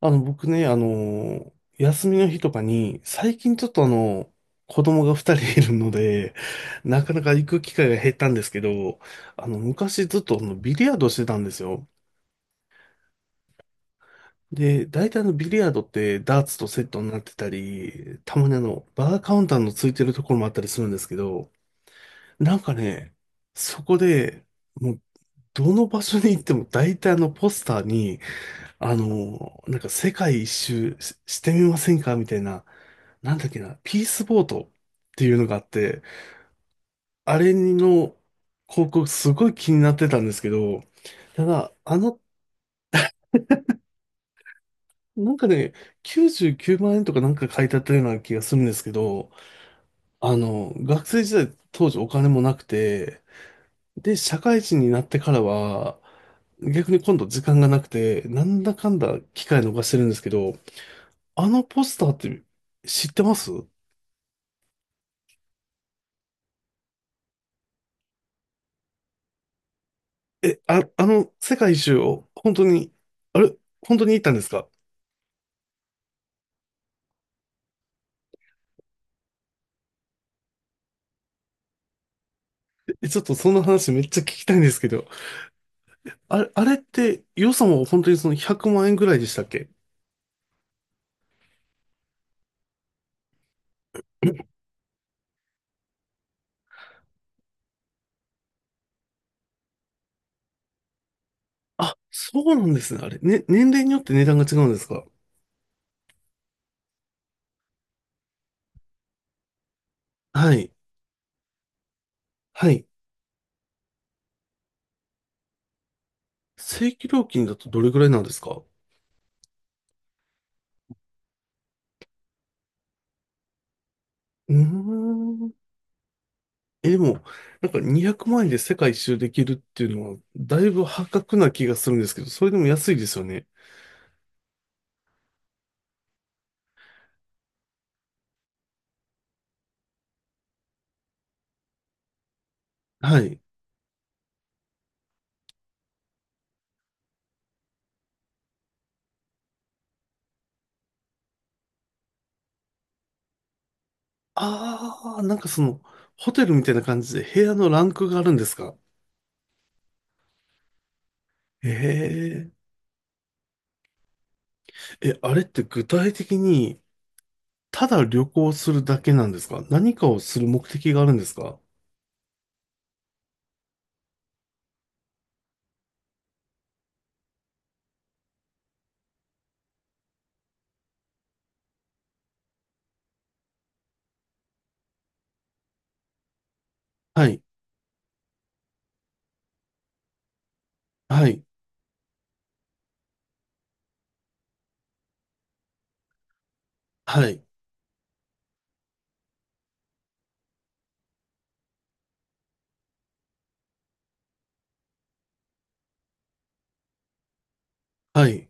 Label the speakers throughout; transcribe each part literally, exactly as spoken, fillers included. Speaker 1: あの、僕ね、あの、休みの日とかに、最近ちょっとあの、子供がふたりいるので、なかなか行く機会が減ったんですけど、あの、昔ずっとあの、ビリヤードしてたんですよ。で、大体あの、ビリヤードってダーツとセットになってたり、たまにあの、バーカウンターのついてるところもあったりするんですけど、なんかね、そこで、もう、どの場所に行っても大体あの、ポスターに、あの、なんか世界一周ししてみませんかみたいな、なんだっけな、ピースボートっていうのがあって、あれの広告すごい気になってたんですけど、ただ、あの、なんかね、きゅうじゅうきゅうまん円とかなんか書いてあったような気がするんですけど、あの、学生時代当時お金もなくて、で、社会人になってからは、逆に今度時間がなくて、なんだかんだ機会逃してるんですけど、あのポスターって知ってます？え、あ、あの世界一周を本当に、あれ本当に行ったんですか？え、ちょっとその話めっちゃ聞きたいんですけど、あれ、あれって予算は本当にそのひゃくまん円ぐらいでしたっけ？ あ、そうなんですね。あれ、ね、年齢によって値段が違うんですか？はい。はい。正規料金だとどれぐらいなんですか？うーん。え、でも、なんかにひゃくまん円で世界一周できるっていうのは、だいぶ破格な気がするんですけど、それでも安いですよね。はい。ああ、なんかその、ホテルみたいな感じで部屋のランクがあるんですか？え？え？え、あれって具体的に、ただ旅行するだけなんですか？何かをする目的があるんですか？はい、はい、はい、はい。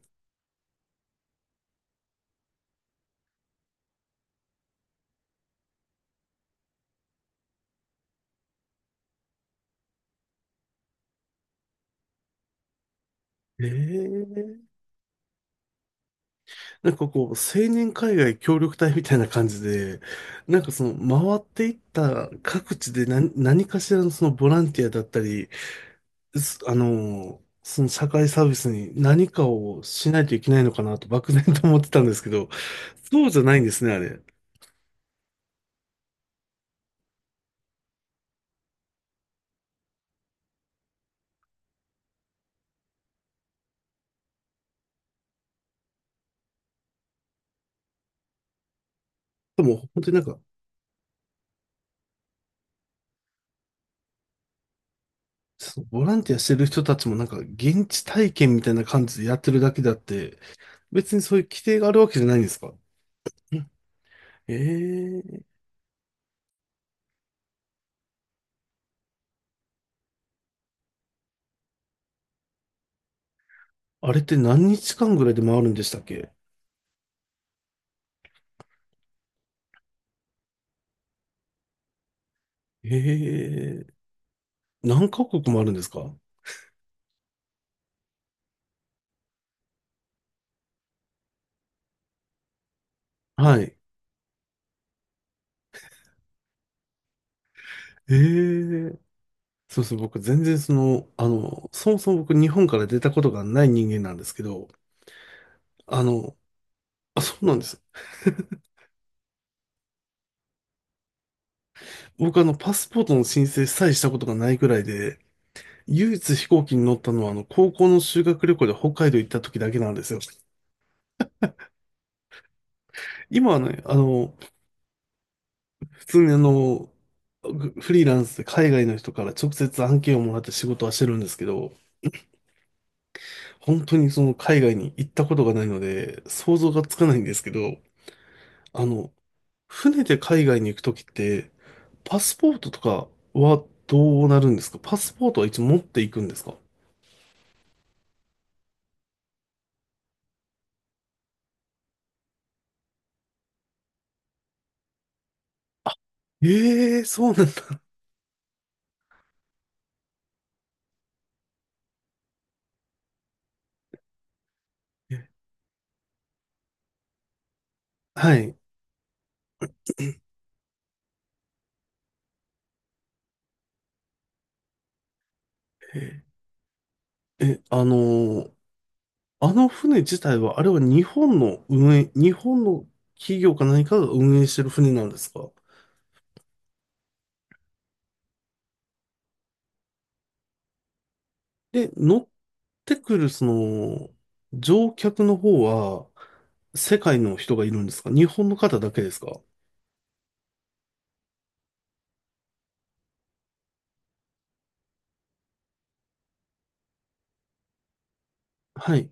Speaker 1: えー、なんかこう、青年海外協力隊みたいな感じで、なんかその、回っていった各地で何、何かしらのそのボランティアだったり、すあのー、その社会サービスに何かをしないといけないのかなと漠然と思ってたんですけど、そうじゃないんですね、あれ。でも本当になんか、そのボランティアしてる人たちもなんか現地体験みたいな感じでやってるだけであって、別にそういう規定があるわけじゃないんですか？ええー。あれって何日間ぐらいで回るんでしたっけ？ええー。何カ国もあるんですか？はい。ええ。そうそう、僕全然その、あの、そもそも僕日本から出たことがない人間なんですけど、あの、あ、そうなんです。僕あの、パスポートの申請さえしたことがないくらいで、唯一飛行機に乗ったのはあの、高校の修学旅行で北海道行った時だけなんですよ。今はね、あの、普通にあの、ぐフリーランスで海外の人から直接案件をもらって仕事はしてるんですけど、本当にその海外に行ったことがないので、想像がつかないんですけど、あの、船で海外に行くときって、パスポートとかはどうなるんですか？パスポートはいつも持っていくんですか？ええー、そうなんだ。え。はい。え、えあのーあの船自体は、あれは日本の運営、日本の企業か何かが運営してる船なんですか？で、乗ってくる、その、乗客の方は、世界の人がいるんですか？日本の方だけですか？はい。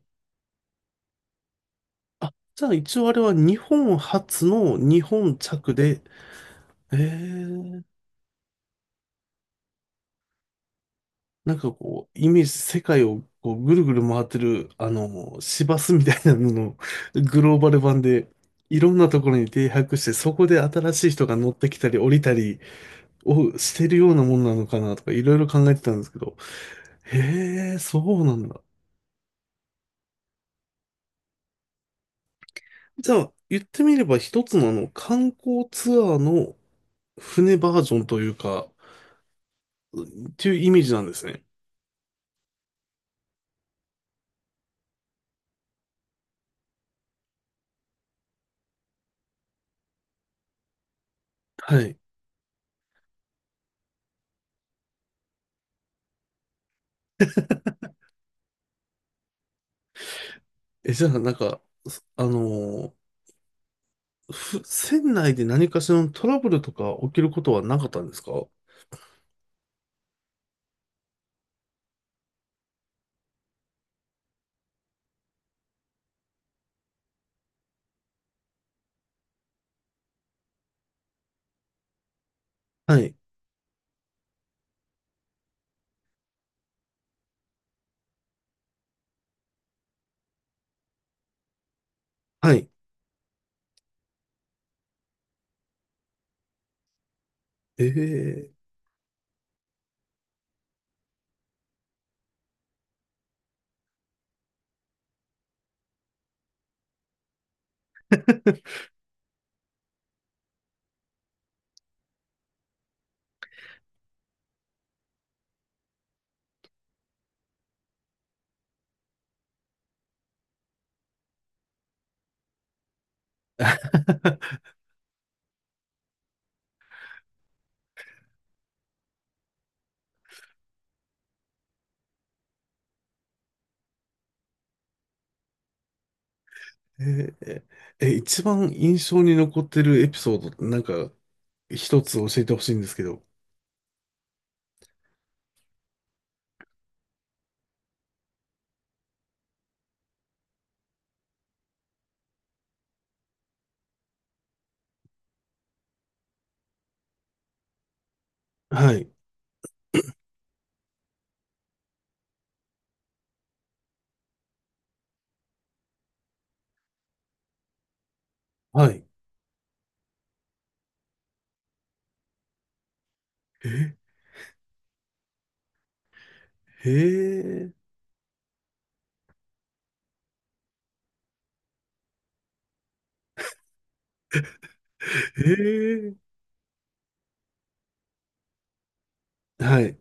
Speaker 1: あ、じゃあ一応あれは日本初の日本着で。えー、なんかこう、イメージ、世界をこうぐるぐる回ってる、あの、市バスみたいなののグローバル版で、いろんなところに停泊して、そこで新しい人が乗ってきたり降りたりをしてるようなもんなのかなとか、いろいろ考えてたんですけど。へえ、そうなんだ。じゃあ、言ってみれば一つのあの、観光ツアーの船バージョンというか、っていうイメージなんですね。はい。え、じゃあ、なんか、すあのーふ船内で何かしらのトラブルとか起きることはなかったんですか？はい。はい。ええ。 えーえ、一番印象に残ってるエピソードってなんか一つ教えてほしいんですけど。はい。はい。え、へえ、へえ、はい。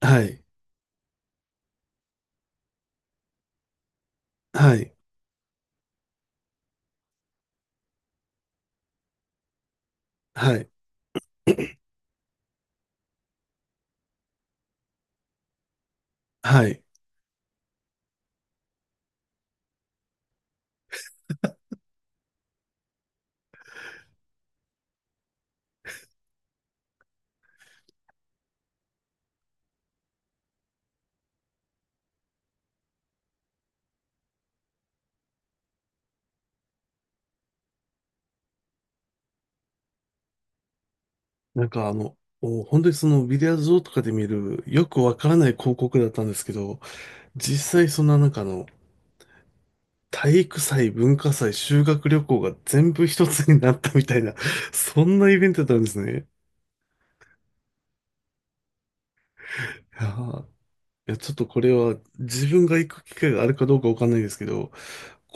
Speaker 1: はい。はい。はい。はい。なんかあの、お本当にそのビデオーとかで見るよくわからない広告だったんですけど、実際そんななんかあの、体育祭、文化祭、修学旅行が全部一つになったみたいな、そんなイベントだったんですね。いやー、いや、ちょっとこれは自分が行く機会があるかどうかわかんないですけど、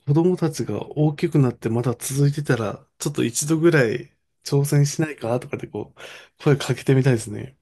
Speaker 1: 子供たちが大きくなってまだ続いてたら、ちょっと一度ぐらい挑戦しないかとかでこう、声かけてみたいですね。